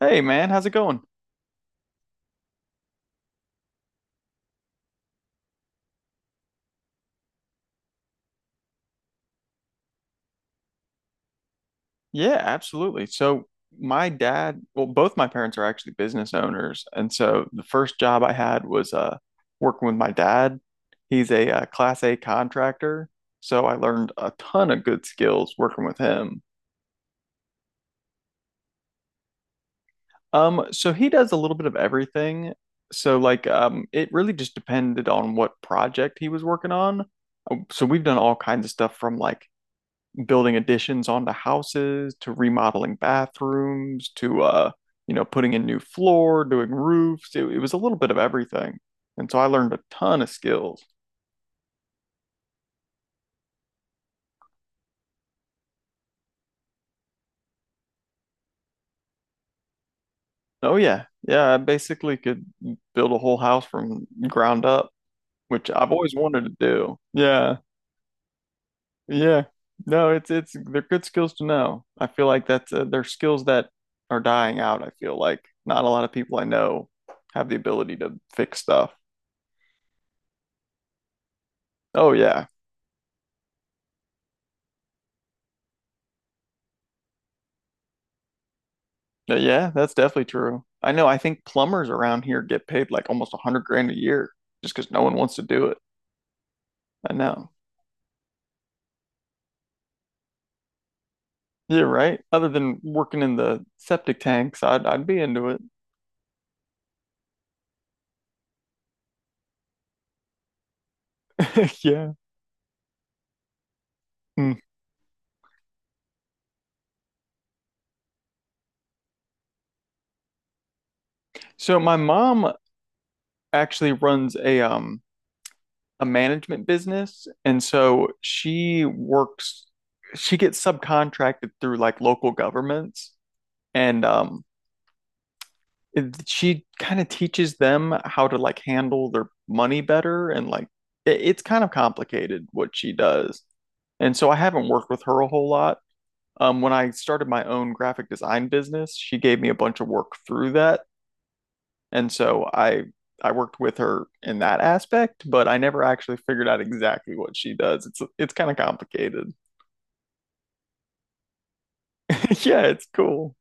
Hey man, how's it going? Yeah, absolutely. So my dad, well, both my parents are actually business owners, and so the first job I had was working with my dad. He's a, class A contractor, so I learned a ton of good skills working with him. So he does a little bit of everything. So like it really just depended on what project he was working on. So we've done all kinds of stuff from like building additions onto houses to remodeling bathrooms to putting in new floor doing roofs. It was a little bit of everything, and so I learned a ton of skills. Oh yeah, yeah, I basically could build a whole house from ground up, which I've always wanted to do. Yeah, yeah, no, it's they're good skills to know. I feel like that's they're skills that are dying out. I feel like not a lot of people I know have the ability to fix stuff. Oh yeah. Yeah, yeah, that's definitely true. I know. I think plumbers around here get paid like almost 100 grand a year just because no one wants to do it. I know. Yeah, right. Other than working in the septic tanks, I'd be into it. Yeah. Hmm. So my mom actually runs a management business, and so she works. She gets subcontracted through like local governments, and she kind of teaches them how to like handle their money better and like it's kind of complicated what she does. And so I haven't worked with her a whole lot. When I started my own graphic design business, she gave me a bunch of work through that. And so I worked with her in that aspect, but I never actually figured out exactly what she does. It's kind of complicated. Yeah, it's cool.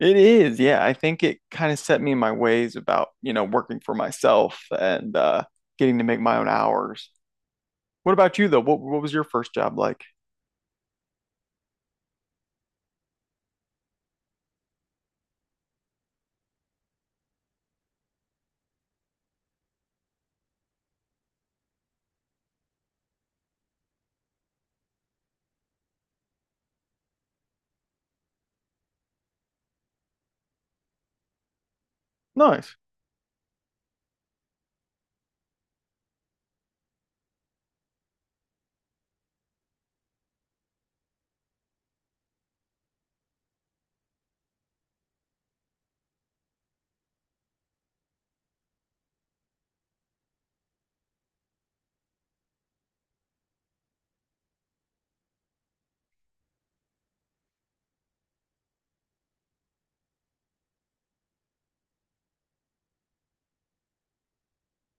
It is, yeah. I think it kind of set me in my ways about, you know, working for myself and getting to make my own hours. What about you though? What was your first job like? Nice.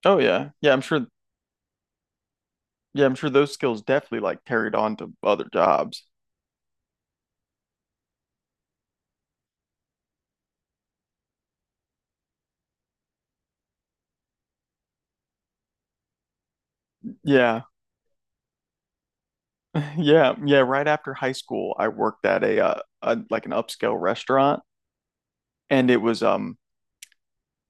Oh yeah. Yeah, I'm sure, yeah, I'm sure those skills definitely like carried on to other jobs. Yeah. Yeah, yeah, right after high school, I worked at a like an upscale restaurant, and it was um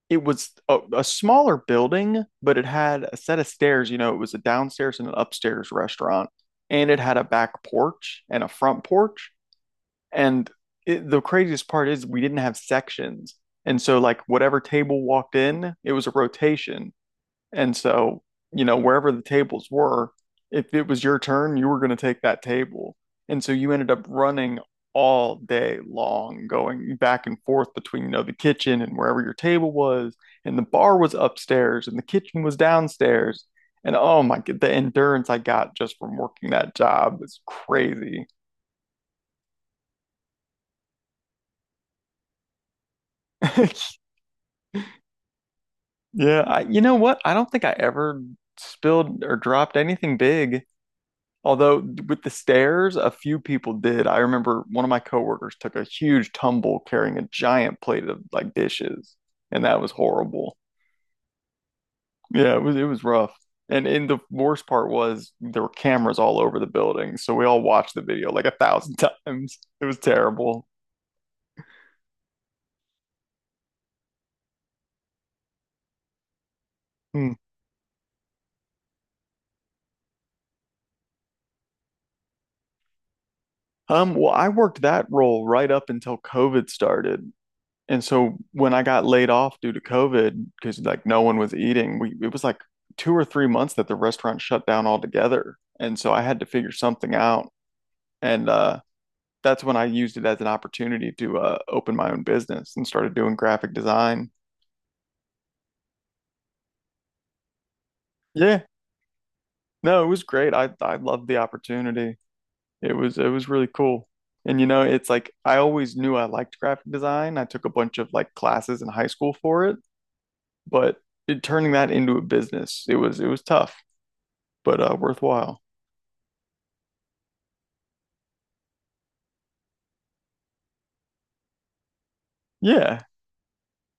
it was a smaller building, but it had a set of stairs. You know, it was a downstairs and an upstairs restaurant, and it had a back porch and a front porch. And the craziest part is we didn't have sections. And so, like, whatever table walked in, it was a rotation. And so, you know, wherever the tables were, if it was your turn, you were going to take that table. And so you ended up running all day long, going back and forth between, you know, the kitchen and wherever your table was, and the bar was upstairs and the kitchen was downstairs. And oh my God, the endurance I got just from working that job was crazy. Yeah, I, you know what? I don't think I ever spilled or dropped anything big. Although with the stairs, a few people did. I remember one of my coworkers took a huge tumble carrying a giant plate of like dishes, and that was horrible. Yeah, it was rough. And the worst part was there were cameras all over the building, so we all watched the video like a thousand times. It was terrible. Hmm. Well, I worked that role right up until COVID started. And so when I got laid off due to COVID, because like no one was eating, we it was like 2 or 3 months that the restaurant shut down altogether. And so I had to figure something out. And that's when I used it as an opportunity to open my own business and started doing graphic design. Yeah, no, it was great. I loved the opportunity. It was really cool. And you know, it's like I always knew I liked graphic design. I took a bunch of like classes in high school for it, but turning that into a business, it was tough, but worthwhile. Yeah,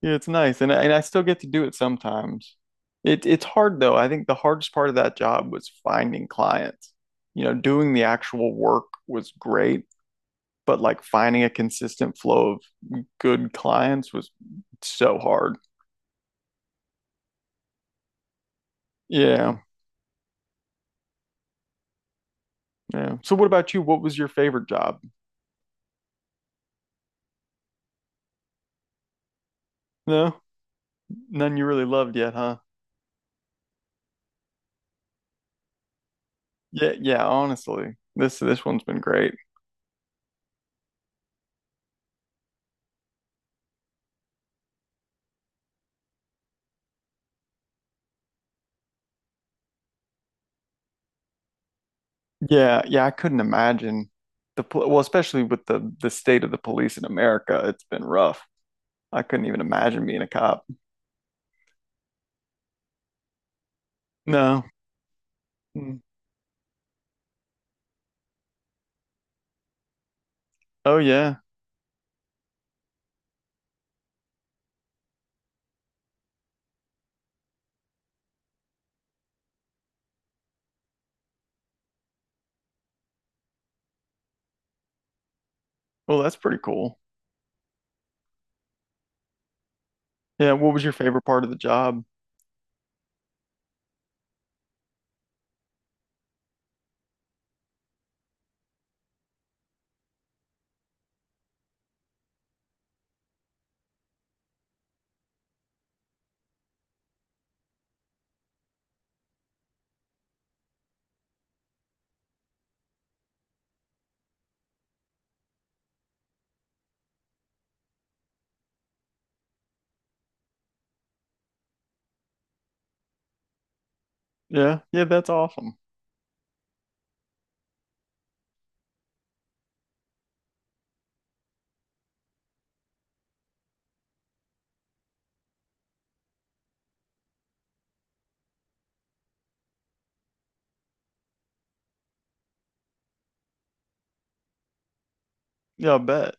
yeah, it's nice, and I still get to do it sometimes. It's hard though. I think the hardest part of that job was finding clients. You know, doing the actual work was great, but like finding a consistent flow of good clients was so hard. Yeah, yeah. So what about you? What was your favorite job? No, none you really loved yet, huh? Yeah, yeah. Honestly, this one's been great. Yeah, yeah, I couldn't imagine well, especially with the state of the police in America, it's been rough. I couldn't even imagine being a cop. No. Mm. Oh yeah. Well, that's pretty cool. Yeah, what was your favorite part of the job? Yeah, yeah, that's awesome. Yeah, I bet.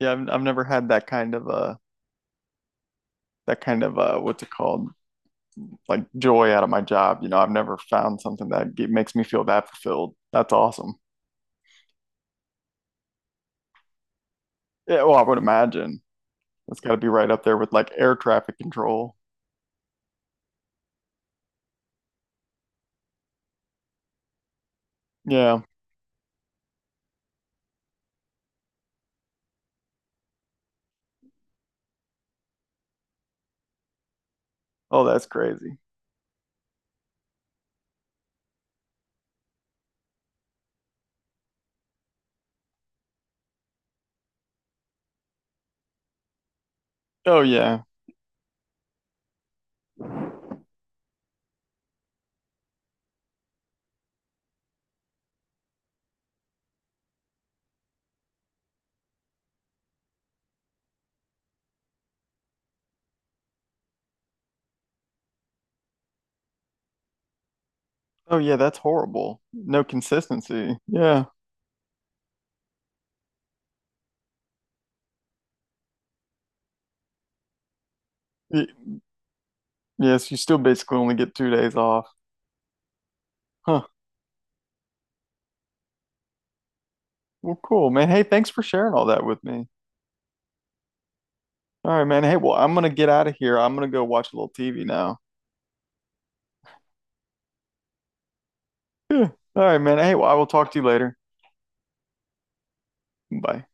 Yeah, I've never had that kind of that kind of what's it called? Like joy out of my job. You know, I've never found something that makes me feel that fulfilled. That's awesome. Yeah, well, I would imagine. That's got to be right up there with like air traffic control. Yeah. Oh, that's crazy. Oh yeah. Oh yeah, that's horrible. No consistency. Yeah. Y- yes, you still basically only get 2 days off. Huh. Well, cool, man. Hey, thanks for sharing all that with me. All right, man. Hey, well, I'm gonna get out of here. I'm gonna go watch a little TV now. Yeah. All right, man. Hey, well, I will talk to you later. Bye.